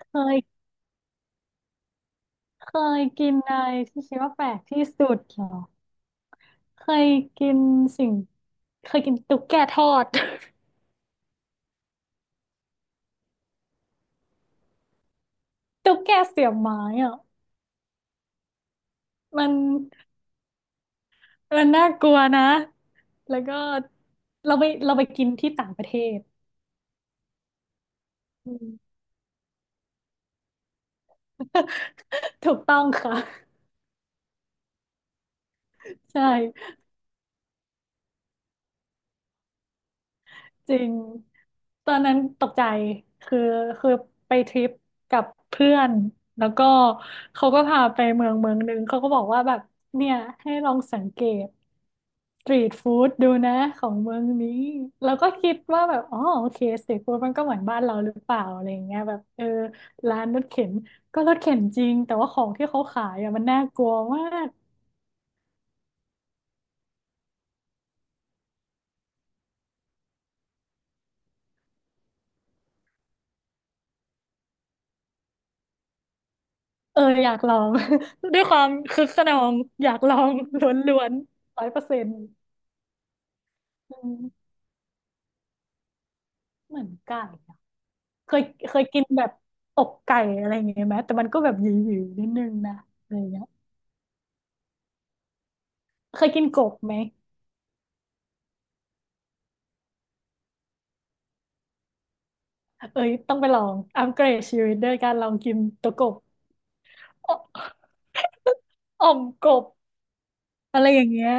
เคยเคยกินอะไรที่คิดว่าแปลกที่สุดเหรอเคยกินสิ่งเคยกินตุ๊กแกทอด ตุ๊กแกเสียบไม้อ่ะมันมันน่ากลัวนะแล้วก็เราไปกินที่ต่างประเทศอืมถูกต้องค่ะ ใช่ จริงตอนนั้นตกใจคือคือไปทริปกับเพื่อนแล้วก็เขาก็พาไปเมืองเมืองหนึ่งเขาก็บอกว่าแบบเนี่ยให้ลองสังเกตสตรีทฟู้ดดูนะของเมืองนี้แล้วก็คิดว่าแบบอ๋อโอเคสตรีทฟู้ดมันก็เหมือนบ้านเราหรือเปล่าอะไรอย่างเงี้ยแบบเออร้านรถเข็นก็รถเข็นจริงแต่ว่าของที่เขาขายอ่ะมันน่ากลัวมากเอออยากลอง ด้วยความคึกคะนองอยากลองล้วนๆ100% อืมเหมือนไก่อะเคยเคยกินแบบอกไก่อะไรอย่างเงี้ยไหมแต่มันก็แบบหยิ่ๆนิดนึงนะอะไรอย่างเงี้ยเคยกินกบไหมเอ้ยต้องไปลองอัปเกรดชีวิตด้วยการลองกินตัวกบออ่อมกบอะไรอย่างเงี้ย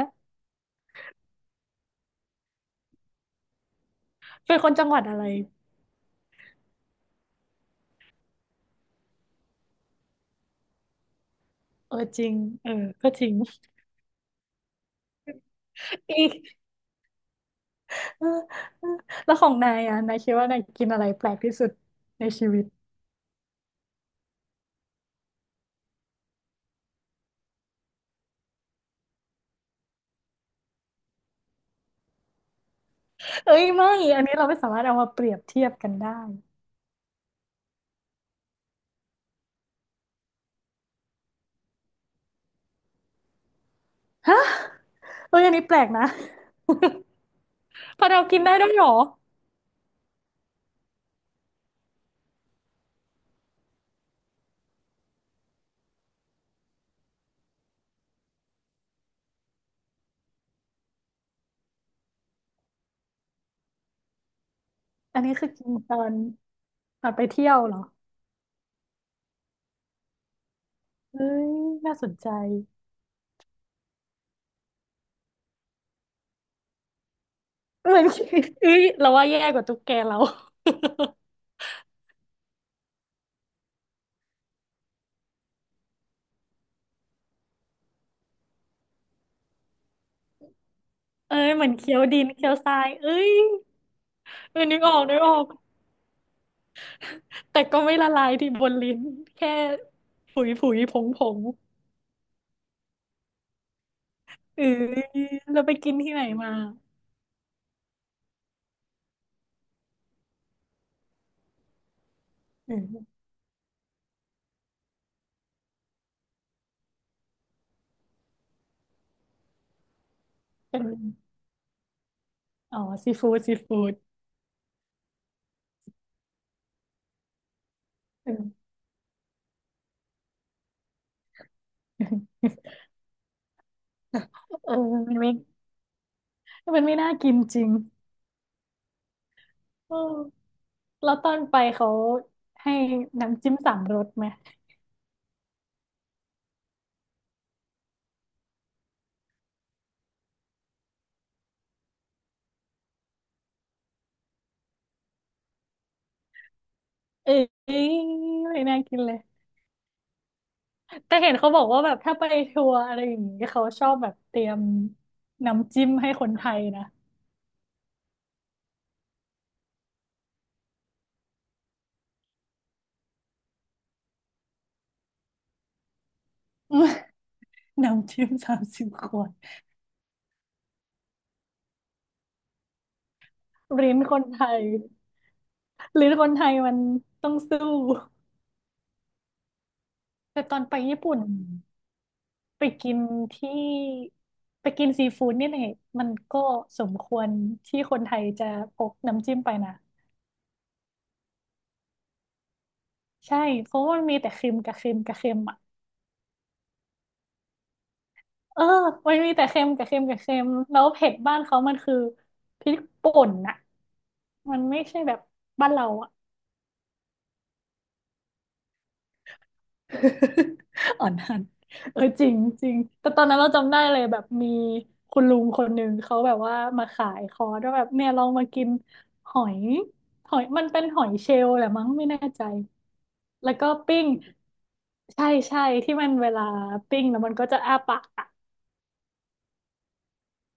เป็นคนจังหวัดอะไรเออจริงเออก็จริง อีกเออเออแล้วของนายอ่ะนายคิดว่านายกินอะไรแปลกที่สุดในชีวิตเอ้ยไม่อันนี้เราไม่สามารถเอามาเปรียบเทียบกันได้ฮะเอ้ยอันนี้แปลกนะ พะเรากินได้ด้วยเหรอ อันนี้คือกินตอนตอนไปเที่ยวเหรอ เอ้ยน่าสนใจ เหมือนเอ้ยเราว่าแย่กว่าตุ๊กแกเรา เอ้ยเหมือนเคี้ยวดินเคี้ยวทราย เอ้ยเออนึกออกนึกออกแต่ก็ไม่ละลายที่บนลิ้น แค่ผุยผุยผงผงเออเราไปกินที่ไหนมาเออเป็นอ๋อซีฟู้ดซีฟู้ดเออเออมันไม่มันไม่น่ากินจริงเออ แล้วตอนไปเขาให้น้ำจิ้มสามรสไหม เอ้ยไม่น่ากินเลย แต่เห็นเขาบอกว่าแบบถ้าไปทัวร์อะไรอย่างงี้เขาชอบแบบเตรียมน้ำจิ้มให้คนไทยนะ น้ำจิ้ม30 ขวดลิ้นคนไทยลิ้นคนไทยมันต้องสู้แต่ตอนไปญี่ปุ่นไปกินที่ไปกินซีฟู้ดนี่แหละมันก็สมควรที่คนไทยจะพกน้ำจิ้มไปนะใช่เพราะว่ามันมีแต่เค็มกับเค็มกับเค็มอ่ะ เออมันมีแต่เค็มกับเค็มกับเค็มแล้วเผ็ดบ้านเขามันคือพริกป่นน่ะมันไม่ใช่แบบบ้านเราอะ อ่อนหันเออจริงจริงแต่ตอนนั้นเราจำได้เลยแบบมีคุณลุงคนหนึ่งเขาแบบว่ามาขายคอร์สว่าแบบเนี่ยลองมากินหอยหอยมันเป็นหอยเชลล์แหละมั้งไม่แน่ใจแล้วก็ปิ้งใช่ที่มันเวลาปิ้งแล้วมันก็จะอ้าปากอะ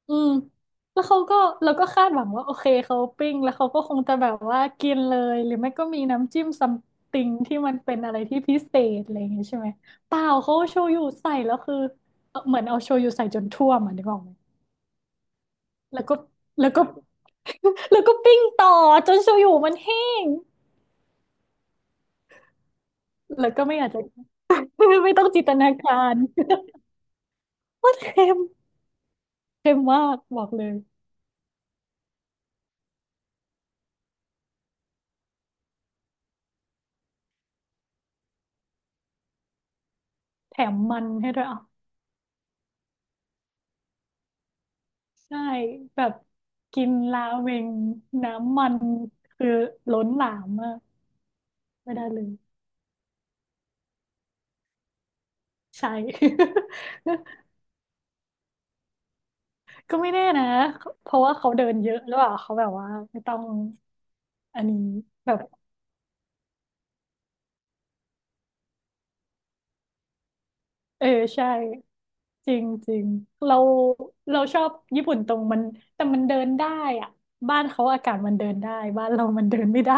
อืมแล้วเขาก็เราก็คาดหวังว่าโอเคเขาปิ้งแล้วเขาก็คงจะแบบว่ากินเลยหรือไม่ก็มีน้ำจิ้มซัมติงที่มันเป็นอะไรที่พิเศษอะไรอย่างเงี้ยใช่ไหมเปล่าเขาเอาโชยุใส่แล้วคือเหมือนเอาโชยุใส่จนท่วมอ่ะนึกออกไหมแล้วก็แล้วก็ แล้วก็ปิ้งต่อจนโชยุมันแห้งแล้วก็ไม่อยากจะ ไม่ต้องจินตนาการ ว่าเค็มเค็มมากบอกเลยแถมมันให้ด้วยอ่ะ ใช่แบบกินราเมงน้ำมันคือล้นหลามมากไม่ได้เลยใช่ ก็ไม่แน่นะเพราะว่าเขาเดินเยอะหรือเปล่าเขาแบบว่าไม่ต้องอันนี้แบบเออใช่จริงจริงเราเราชอบญี่ปุ่นตรงมันแต่มันเดินได้อะบ้านเขาอากาศมันเดินได้บ้านเรามันเดินไม่ได้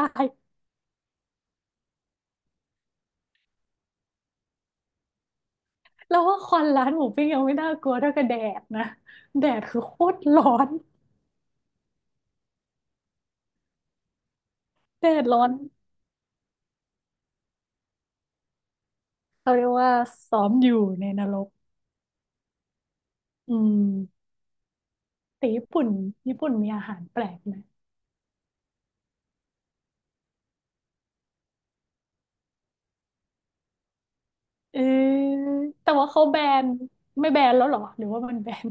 เราว่าควันร้านหมูปิ้งยังไม่น่ากลัวเท่ากับแดดนะแดดคือโคตรร้อนแดดร้อน เขาเรียกว่าซ้อมอยู่ในนรกอืมแต่ญี่ปุ่นมีอาหารแปลกไหมเออแต่ว่าเขาแบนไม่แบนแล้วเหรอหรือว่ามันแบน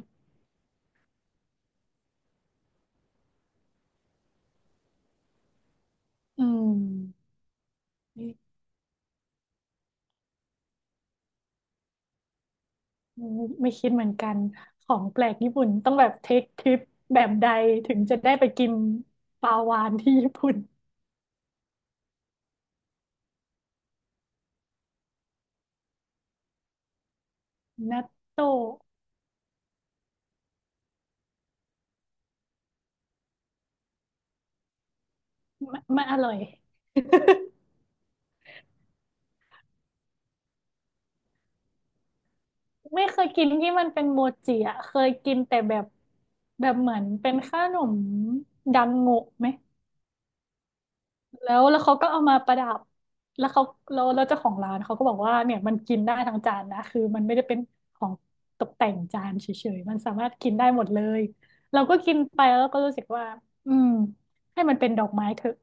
อืมไม่ไม่ไม่คิดเหมือนกันของแปลกญี่ปุ่นต้องแบบเทคทริปแบบใดถึงจะได้ไปกินปลาวาฬที่ญี่ปุ่นนัตโตไม่ไม่อร่อยไม่เคยกินที่มันเป็นโมจิอะเคยกินแต่แบบแบบเหมือนเป็นขนมดังโงะไหม แล้วแล้วเขาก็เอามาประดับแล้วเขาแล้วแล้วเจ้าของร้านเขาก็บอกว่าเนี่ยมันกินได้ทั้งจานนะคือมันไม่ได้เป็นของตกแต่งจานเฉยๆมันสามารถกินได้หมดเลยเราก็กินไปแล้วก็รู้สึกว่าอืมให้มันเป็นดอกไม้เถอะ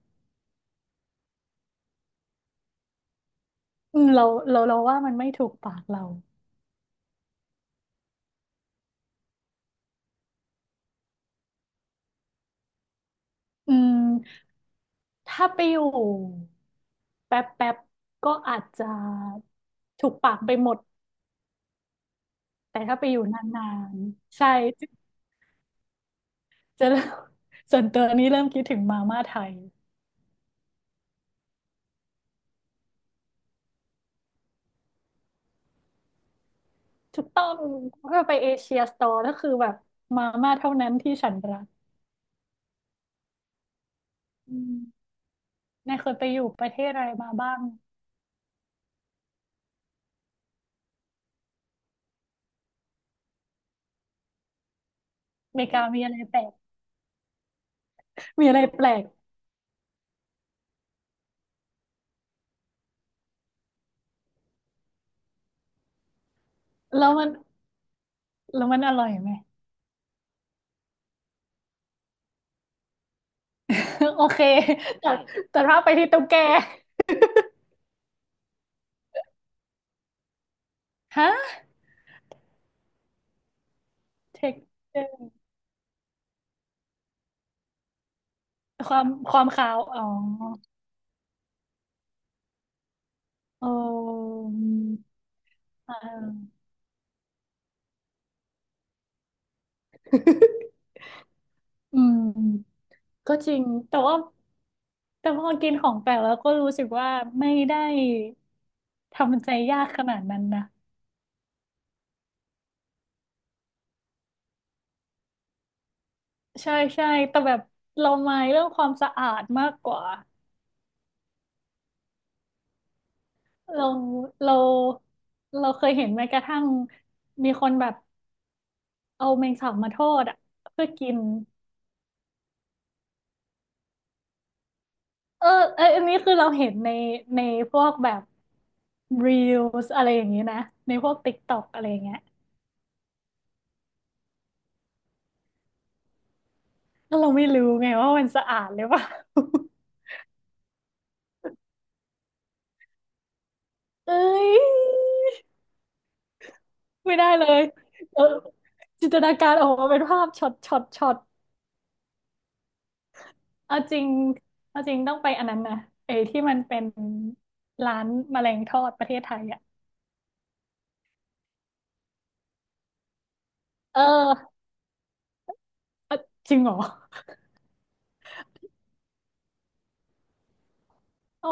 อืมเราว่ามันไม่ถูกปากเราอืมถ้าไปอยู่แป๊บแป๊บก็อาจจะถูกปากไปหมดแต่ถ้าไปอยู่นานๆใช่จะจะเริ่มส่วนตัวนี้เริ่มคิดถึงมาม่าไทย ถูกต้องเพื่อไปเอเชียสโตร์ก็คือแบบมาม่าเท่านั้นที่ฉันรักอืมนายเคยไปอยู่ประเทศอะไรมาบ้างอเมริกามีอะไรแปลกมีอะไรแปลกแล้วมันแล้วมันอร่อยไหม โอเคแต่แต่ถ้าไปที่ตุ๊กแกฮะเทคเจอร์ความขาวอ๋อเอออ่าอืมก็จริงแต่ว่าแต่พอกินของแปลกแล้วก็รู้สึกว่าไม่ได้ทำใจยากขนาดนั้นนะ ใช่ใช่แต่แบบเราไม่เรื่องความสะอาดมากกว่าเราเราเราเคยเห็นแม้กระทั่งมีคนแบบเอาแมงสาบมาทอดอ่ะเพื่อกินเออเอยอันนี้คือเราเห็นในพวกแบบรีลส์อะไรอย่างนี้นะในพวกติ๊กต็อกอะไรอย่างเงี้ยแล้วเราไม่รู้ไงว่ามันสะอาดหรือเปล่า เอ้ยไม่ได้เลยเออจินตนาการออกมาเป็นภาพช็อตช็อตช็อต เอาจริงเอาจริงต้องไปอันนั้นนะไอ้ที่มันเป็นร้านแมลงทอดประเทศไทยอ่ะเออเอ้อจริงเหรออ๋อ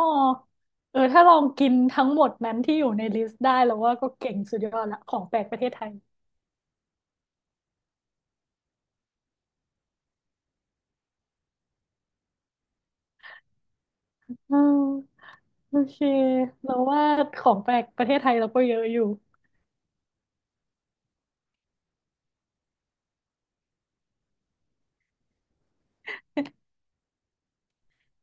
เออถ้าลองกินทั้งหมดนั้นที่อยู่ในลิสต์ได้แล้วว่าก็เก่งสุดยอดละของแปลกประเทศไทยอืมโอเคเราว่าของแปลกประเทศไทยเราก็เยอะอยู่